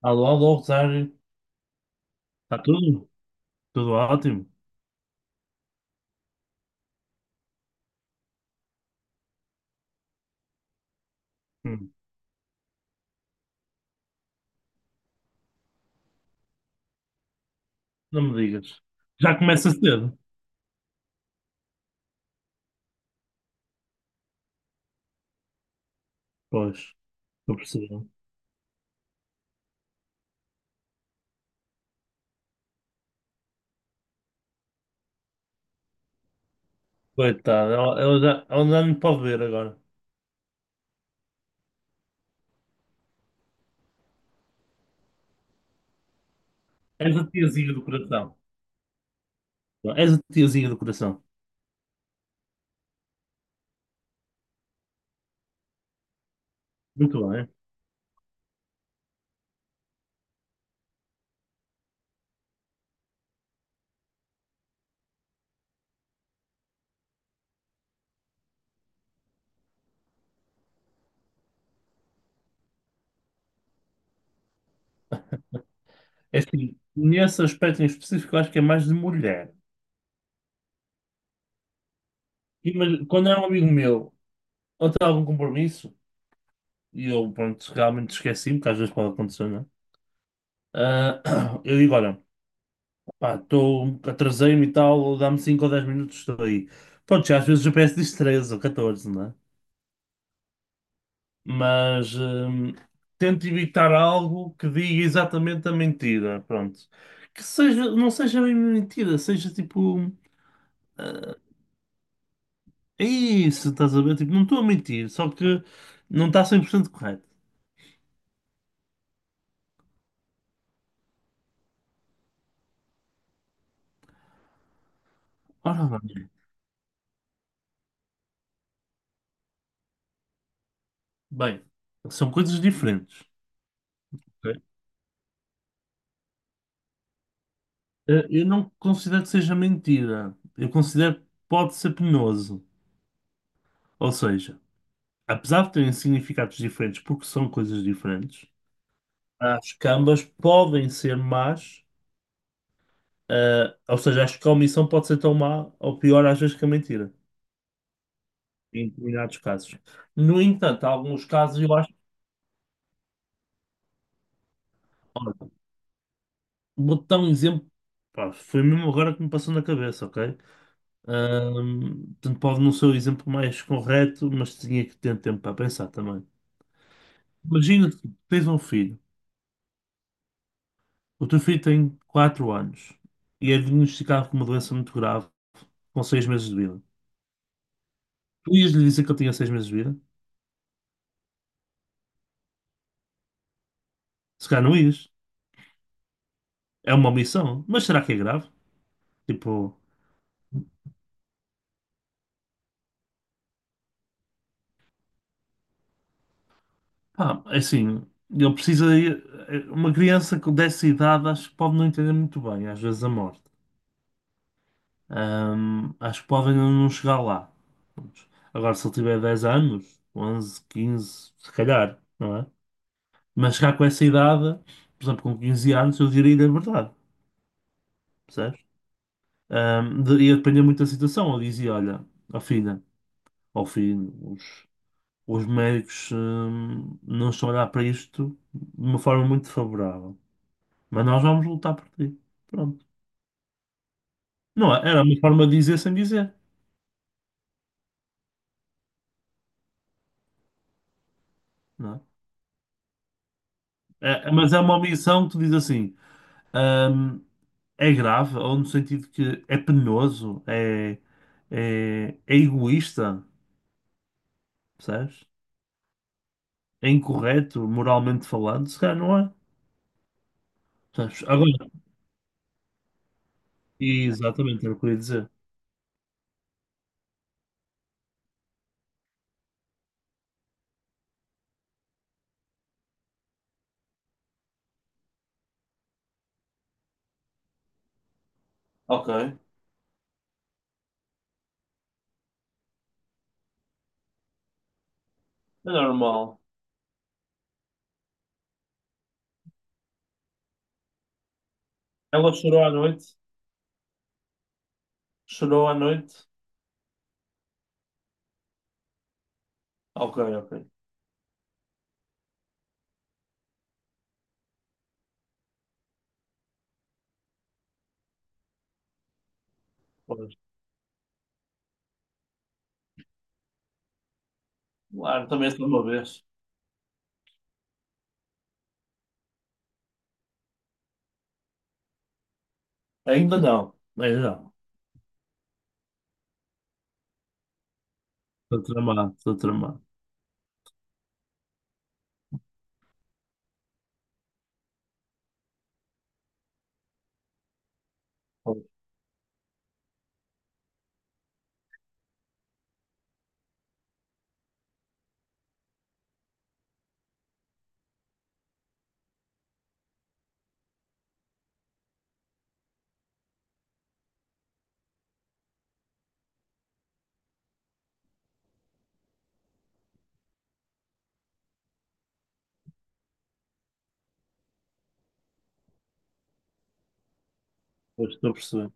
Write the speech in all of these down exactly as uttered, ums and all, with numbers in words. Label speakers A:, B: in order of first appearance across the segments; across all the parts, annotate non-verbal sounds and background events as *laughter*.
A: Alô, alô, Rosário. Está tudo? Tudo ótimo? Hum, não me digas. Já começa cedo? Pois, estou percebendo. Coitada, ela, ela já, ela já me pode ver agora. És a tiazinha do coração. És a tiazinha do coração. Muito bem. É assim, nesse aspecto em específico, eu acho que é mais de mulher. E, mas, quando é um amigo meu, ou tem algum compromisso, e eu, pronto, realmente esqueci-me, que às vezes pode acontecer, não é? Ah, *coughs* *clears throat* eu digo, olha. Pá, estou, atrasei-me e tal, dá-me cinco ou dez minutos, estou aí. Pronto, já às vezes o G P S diz treze ou catorze, não é? Mas hum, tento evitar algo que diga exatamente a mentira, pronto. Que seja, não seja bem mentira, seja tipo, "Ah, é isso, estás a ver? Tipo, não estou a mentir, só que não está cem por cento correto." Ora bem, bem, são coisas diferentes. Ok? Eh, Eu não considero que seja mentira, eu considero que pode ser penoso. Ou seja, apesar de terem significados diferentes, porque são coisas diferentes, as que ambas podem ser más, ah, ou seja, acho que a omissão pode ser tão má ou pior às vezes que a mentira, em determinados casos. No entanto, há alguns casos eu acho. Olha, vou dar um exemplo, pá, foi mesmo agora que me passou na cabeça, ok? Ahm, portanto, pode não ser o exemplo mais correto, mas tinha que ter tempo para pensar também. Imagina que tens um filho, o teu filho tem quatro anos e é diagnosticado com uma doença muito grave com seis meses de vida. Tu ias lhe dizer que ele tinha seis meses de vida? Se calhar não ias. É uma omissão. Mas será que é grave? Tipo, pá, é assim, ele precisa. Uma criança com dessa idade acho que pode não entender muito bem, às vezes, a morte. Ahm, acho que pode ainda não chegar lá. Prontos. Agora, se ele tiver dez anos, onze, quinze, se calhar, não é? Mas chegar com essa idade, por exemplo, com quinze anos, eu diria-lhe a verdade, percebes? Ahm, de- ia depender muito da situação. Eu dizia: olha, ó filha. Ao fim, os, os médicos, hum, não estão a olhar para isto de uma forma muito favorável. Mas nós vamos lutar por ti. Pronto. Não, é- era uma forma de dizer sem dizer, não é? É- mas é uma omissão que tu dizes assim, hum, é grave, ou no sentido que é penoso, é, é, é egoísta, percebes? É incorreto, moralmente falando, se calhar não é. Percebes? Agora, exatamente, era o que eu ia dizer. Ok, é normal. Ela chorou à noite. Chorou à noite? Ok, ok. Pois. Claro, também só uma vez. Ainda não, ainda não. Estou tramado, estou tramado. Pois, pois, estou a perceber.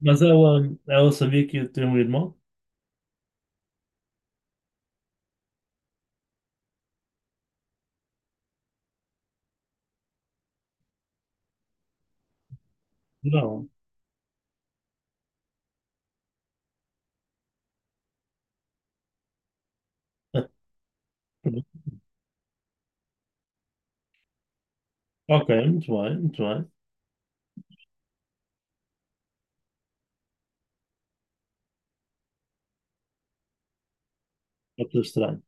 A: Mas ela, ela sabia que eu tenho um irmão? Não. *laughs* Pronto. Ok, muito bem, muito bem. Pode ser estranho.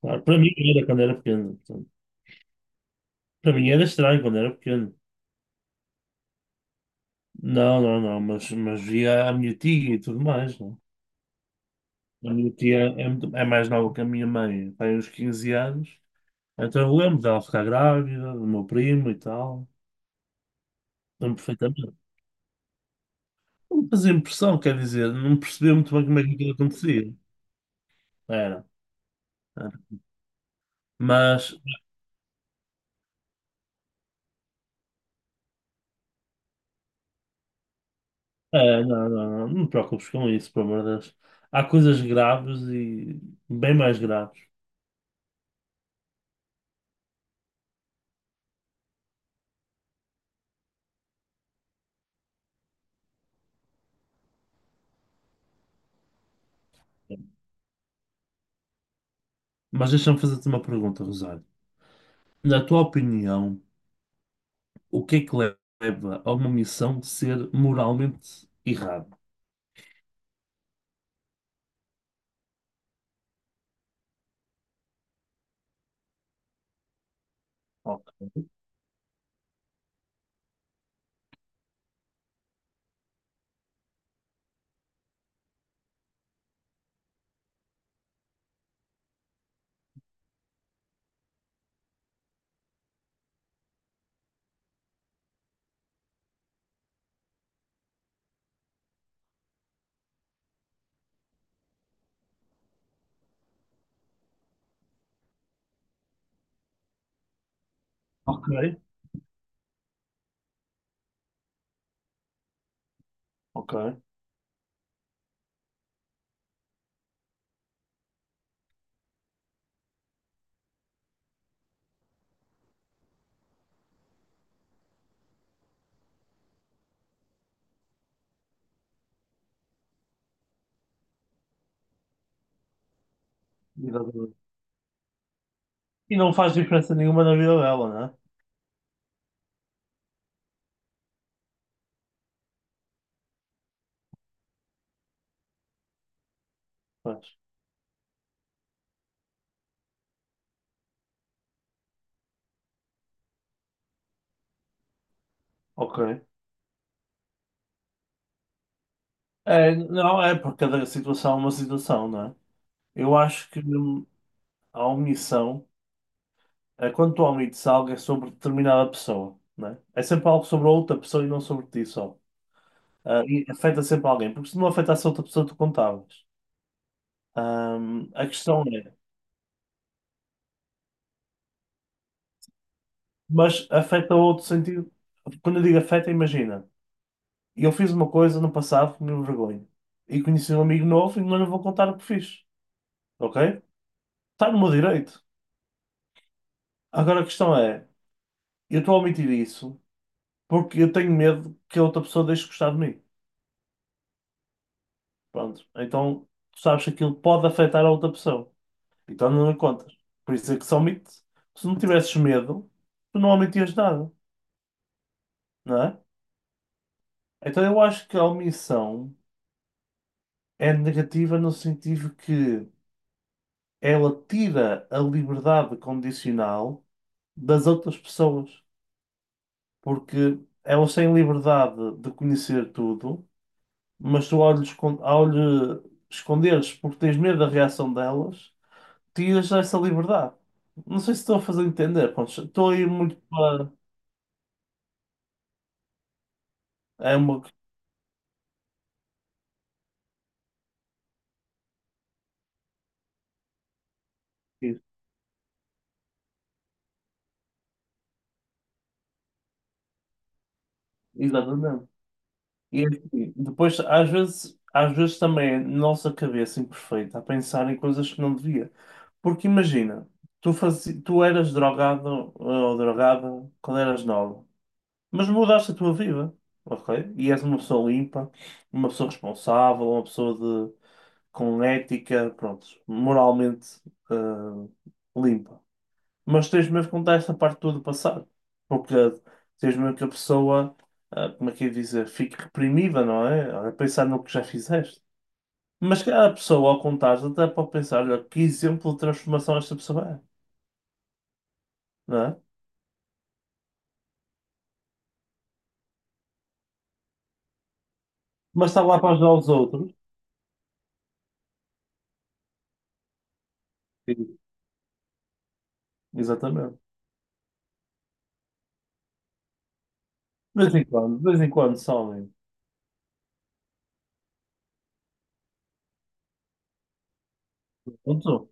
A: Claro, para mim era quando era pequeno. Portanto. Para mim era estranho quando era pequeno. Não, não, não, mas, mas via a minha tia e tudo mais. Não? É? A minha tia é, muito- é mais nova que a minha mãe, tem uns quinze anos. Então eu lembro dela ficar grávida, do meu primo e tal. Lembro perfeitamente. Não me fazia impressão, quer dizer, não percebia muito bem como é que aquilo acontecia. Era. Era. Mas, é, não, não, não, não te preocupes com isso, pelo amor de Deus. Há coisas graves e bem mais graves. Mas deixa-me fazer-te uma pergunta, Rosário. Na tua opinião, o que é que leva a uma missão de ser moralmente errada? Ok, ok. Ok. E não faz diferença nenhuma na vida dela, né é? Ok. É, não, é porque cada situação é uma situação, não é? Eu acho que hum, a omissão, é, quando tu omites algo, é sobre determinada pessoa, não é? É sempre algo sobre a outra pessoa e não sobre ti só. Ah, e afeta sempre alguém, porque se não afetasse a outra pessoa, tu contavas. Ahm, a questão é, mas afeta outro sentido. Quando eu digo afeta, imagina, eu fiz uma coisa no passado que me envergonho e conheci um amigo novo e não lhe vou contar o que fiz, ok? Está no meu direito. Agora a questão é. Eu estou a omitir isso porque eu tenho medo que a outra pessoa deixe de gostar de mim. Pronto. Então, tu sabes que aquilo pode afetar a outra pessoa. Então não lhe contas. Por isso é que se omite. Se não tivesses medo, tu não omitias nada, não é? Então eu acho que a omissão é negativa no sentido que ela tira a liberdade condicional das outras pessoas. Porque elas têm liberdade de conhecer tudo mas tu ao lhe, escon- ao lhe esconderes porque tens medo da reação delas, tiras essa liberdade. Não sei se estou a fazer entender. Pronto, estou a ir muito para. É uma questão. Exatamente. E é assim, depois, às vezes, às vezes também é nossa cabeça imperfeita a pensar em coisas que não devia. Porque imagina, tu, fazi... tu eras drogado ou drogada quando eras nova. Mas mudaste a tua vida, ok? E és uma pessoa limpa, uma pessoa responsável, uma pessoa de, com ética, pronto, moralmente eh, limpa. Mas tens mesmo que contar essa parte toda do passado, porque tens mesmo que a pessoa, eh, como é que eu ia dizer, fique reprimida, não é? A pensar no que já fizeste. Mas cada pessoa, ao contar até pode pensar, olha, que exemplo de transformação esta pessoa é, não é? Mas está lá para ajudar os outros. Sim. Exatamente. De vez em quando, de vez em quando, somem. Pronto,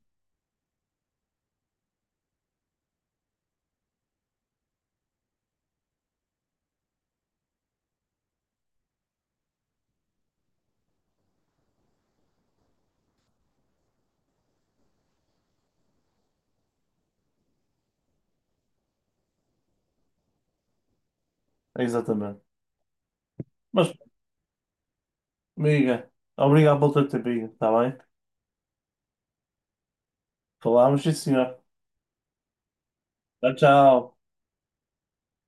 A: exatamente. Mas, amiga, obrigado pelo teu tempinho, está bem? Falámos, sim, senhor. Tchau, tchau.